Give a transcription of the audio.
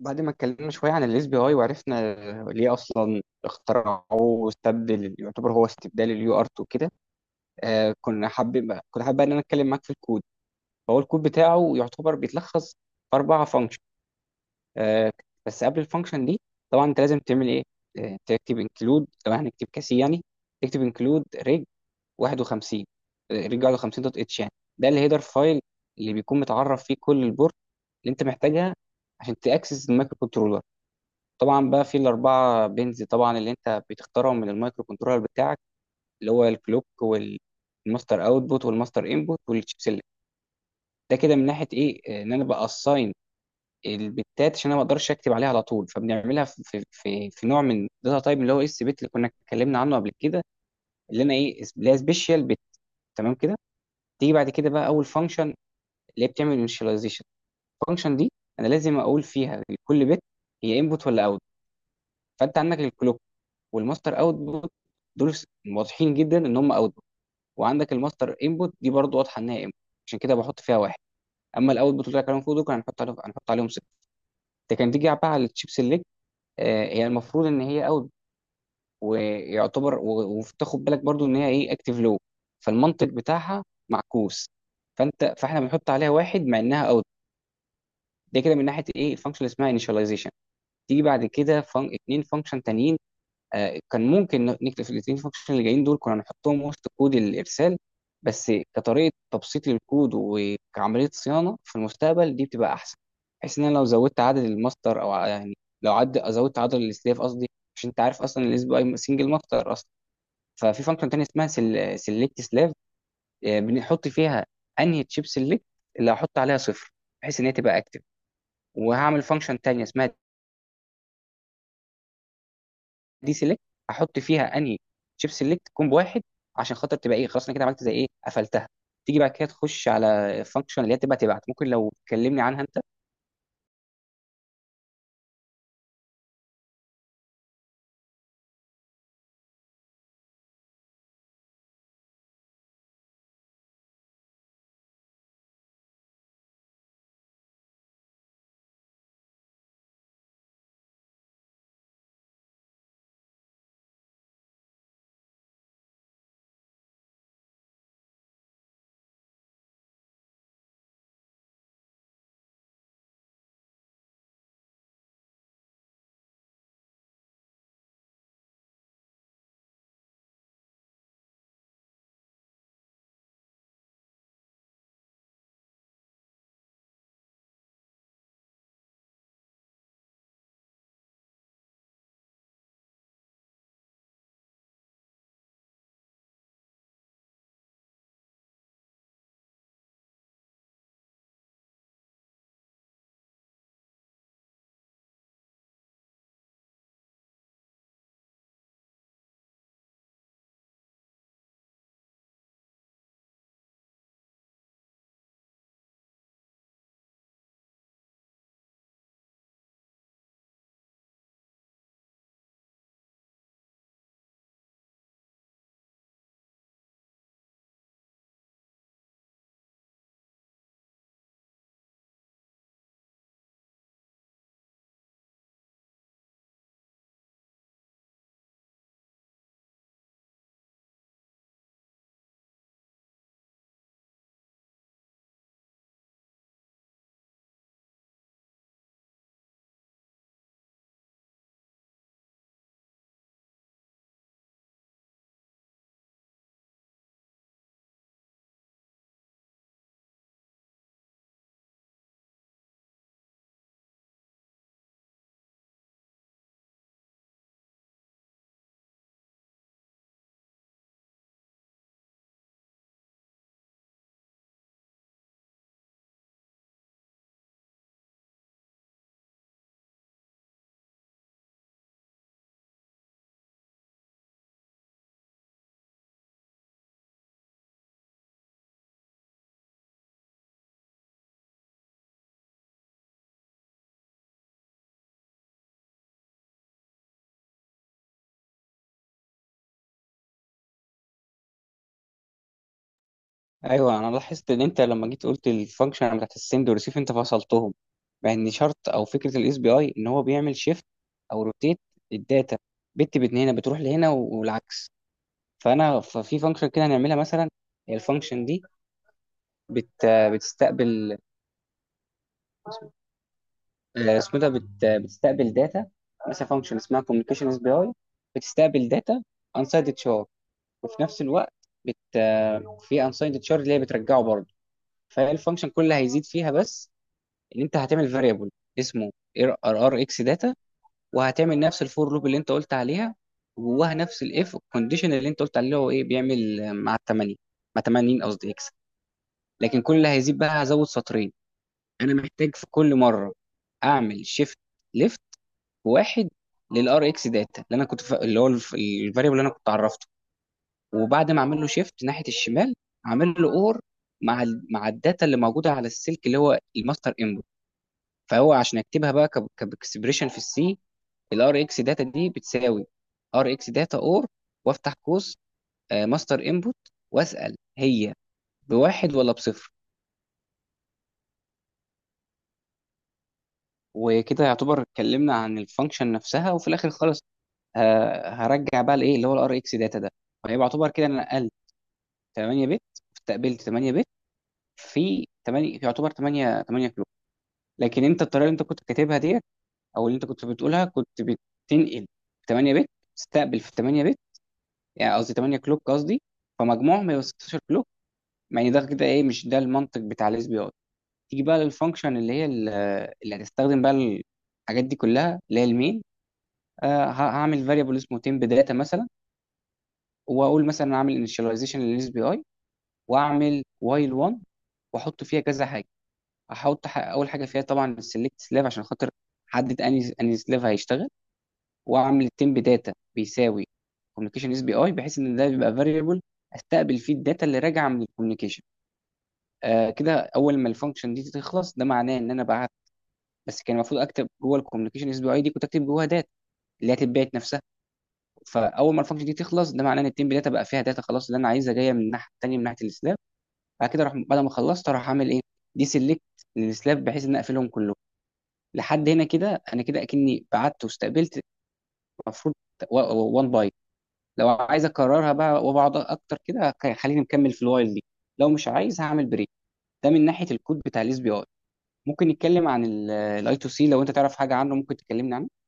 بعد ما اتكلمنا شوية عن الاس بي اي وعرفنا ليه أصلا اخترعوه واستبدل، يعتبر هو استبدال اليو ار 2 كده. كنا حابب كنت حابب إن أنا أتكلم معاك في الكود. فهو الكود بتاعه يعتبر بيتلخص في أربعة فانكشن. آه بس قبل الفانكشن دي، طبعا أنت لازم تعمل إيه؟ تكتب انكلود لو هنكتب كاسي يعني. تكتب انكلود ريج 51، ريج 51 دوت اتش يعني. ده الهيدر فايل اللي بيكون متعرف فيه كل البورت اللي أنت محتاجها عشان تأكسس المايكرو كنترولر. طبعا بقى في الاربعه بنز طبعا اللي انت بتختارهم من المايكرو كنترولر بتاعك، اللي هو الكلوك والماستر اوتبوت والماستر انبوت والتشيب سيلكت. ده كده من ناحيه ايه ان انا باساين البتات. عشان انا ما اقدرش اكتب عليها على طول، فبنعملها في في نوع من داتا تايب اللي هو اس بت اللي كنا اتكلمنا عنه قبل كده، اللي انا ايه اللي هي سبيشال بت. تمام كده. تيجي بعد كده بقى اول فانكشن، اللي هي بتعمل انيشاليزيشن. الفانكشن دي انا لازم اقول فيها لكل بت هي انبوت ولا اوت. فانت عندك الكلوك والماستر اوتبوت دول واضحين جدا ان هم اوتبوت. وعندك الماستر انبوت دي برضو واضحه انها انبوت، عشان كده بحط فيها واحد. اما الاوتبوت اللي كانوا فوق دول، كان هنحط عليهم صفر. ده كان. تيجي بقى على الشيب سيلكت، آه، هي المفروض ان هي اوت، ويعتبر وتاخد بالك برضو ان هي ايه اكتيف لو، فالمنطق بتاعها معكوس. فانت فاحنا بنحط عليها واحد مع انها اوت. ده كده من ناحيه ايه الفانكشن اللي اسمها initialization. تيجي بعد كده اتنين فانكشن تانيين. آه، كان ممكن نكتب في الاثنين فانكشن اللي جايين دول، كنا نحطهم وسط كود الارسال، بس كطريقه تبسيط للكود وكعمليه صيانه في المستقبل دي بتبقى احسن. بحيث ان انا لو زودت عدد الماستر او يعني لو زودت عدد السلاف قصدي. مش انت عارف اصلا الاس بي اي سنجل ماستر اصلا. ففي فانكشن تانية اسمها سيلكت سلاف، بنحط فيها انهي تشيب سيلكت اللي هحط عليها صفر، بحيث ان هي تبقى اكتف. وهعمل فانكشن تانية اسمها دي سيلكت، احط فيها انهي شيب سيلكت كومبو واحد، عشان خاطر تبقى ايه، خلاص انا كده عملت زي ايه قفلتها. تيجي بعد كده تخش على الفانكشن اللي هي تبقى تبعت. ممكن لو تكلمني عنها انت. ايوه، انا لاحظت ان انت لما جيت قلت الفانكشن بتاعت السند والريسيف، انت فصلتهم، مع ان شرط او فكره الاس بي اي ان هو بيعمل شيفت او روتيت الداتا بت بت من هنا بتروح لهنا والعكس. فانا ففي فانكشن كده هنعملها مثلا، الفانكشن دي بت بتستقبل، آه، اسمه ده بتستقبل داتا. مثلا فانكشن اسمها كوميونيكيشن اس بي اي، بتستقبل داتا انسايد تشار، وفي نفس الوقت بت آه، في انسايد تشار اللي هي بترجعه برضه. فالفانكشن كلها هيزيد فيها بس ان انت هتعمل فاريبل اسمه ار، ار اكس داتا. وهتعمل نفس الفور لوب اللي انت قلت عليها، وجواها نفس الاف كونديشن اللي انت قلت عليه، اللي هو ايه بيعمل آه، مع الثمانيه، مع 80 قصدي اكس. لكن كل اللي هيزيد بقى هزود سطرين. انا محتاج في كل مره اعمل شيفت وواحد للار اكس داتا، اللي انا كنت اللي هو الفاريبل اللي انا كنت عرفته. وبعد ما اعمل له شيفت ناحيه الشمال، اعمل له اور مع مع الداتا اللي موجوده على السلك اللي هو الماستر انبوت. فهو عشان اكتبها بقى كاكسبريشن في السي، الار اكس داتا دي بتساوي ار اكس داتا اور، وافتح قوس ماستر انبوت، واسال هي بواحد ولا بصفر. وكده يعتبر اتكلمنا عن الفانكشن نفسها. وفي الاخر خالص هرجع بقى لايه اللي هو الار اكس داتا ده. فيبقى يعتبر كده انا 8 بت، استقبلت 8 بت في 8، يعتبر 8 8 كيلو. لكن انت الطريقه اللي انت كنت كاتبها ديت، او اللي انت كنت بتقولها، كنت بتنقل 8 بت تستقبل في 8 بت، يعني قصدي 8 كلوك قصدي، فمجموعهم هيبقى 16 كلوك. يعني ده كده ايه، مش ده المنطق بتاع الاس بي اي. تيجي بقى للفانكشن اللي هي اللي هتستخدم بقى الحاجات دي كلها، اللي هي المين. آه، هعمل فاريبل اسمه temp data مثلا، واقول مثلا اعمل initialization للاس بي اي، واعمل while 1، واحط فيها كذا. احط اول حاجه فيها طبعا السلكت سلاف، عشان خاطر احدد اني سلاف هيشتغل. واعمل التيم بداتا بيساوي كوميونيكيشن اس بي اي، بحيث ان ده بيبقى فاريبل استقبل فيه الداتا اللي راجعه من الكوميونيكيشن. آه، كده اول ما الفانكشن دي تخلص ده معناه ان انا بعت. بس كان المفروض اكتب جوه الكوميونيكيشن اس بي اي دي، كنت اكتب جوه داتا اللي هتتبعت نفسها. فاول ما الفانكشن دي تخلص، ده معناه ان التيم بداتا بقى فيها داتا خلاص اللي انا عايزها، جايه من الناحيه الثانيه، من ناحيه السلاف. بعد كده اروح، بعد ما خلصت اروح اعمل ايه، دي سيلكت للسلاف، بحيث ان أنا اقفلهم كلهم. لحد هنا كده انا كده اكني بعت واستقبلت المفروض وان باي. لو عايز اكررها بقى وبقعد اكتر كده خليني مكمل في الوايل دي. لو مش عايز هعمل بريك. ده من ناحيه الكود بتاع الاس بي اي. ممكن نتكلم عن الاي تو سي، لو انت تعرف حاجه عنه ممكن تكلمني عنه.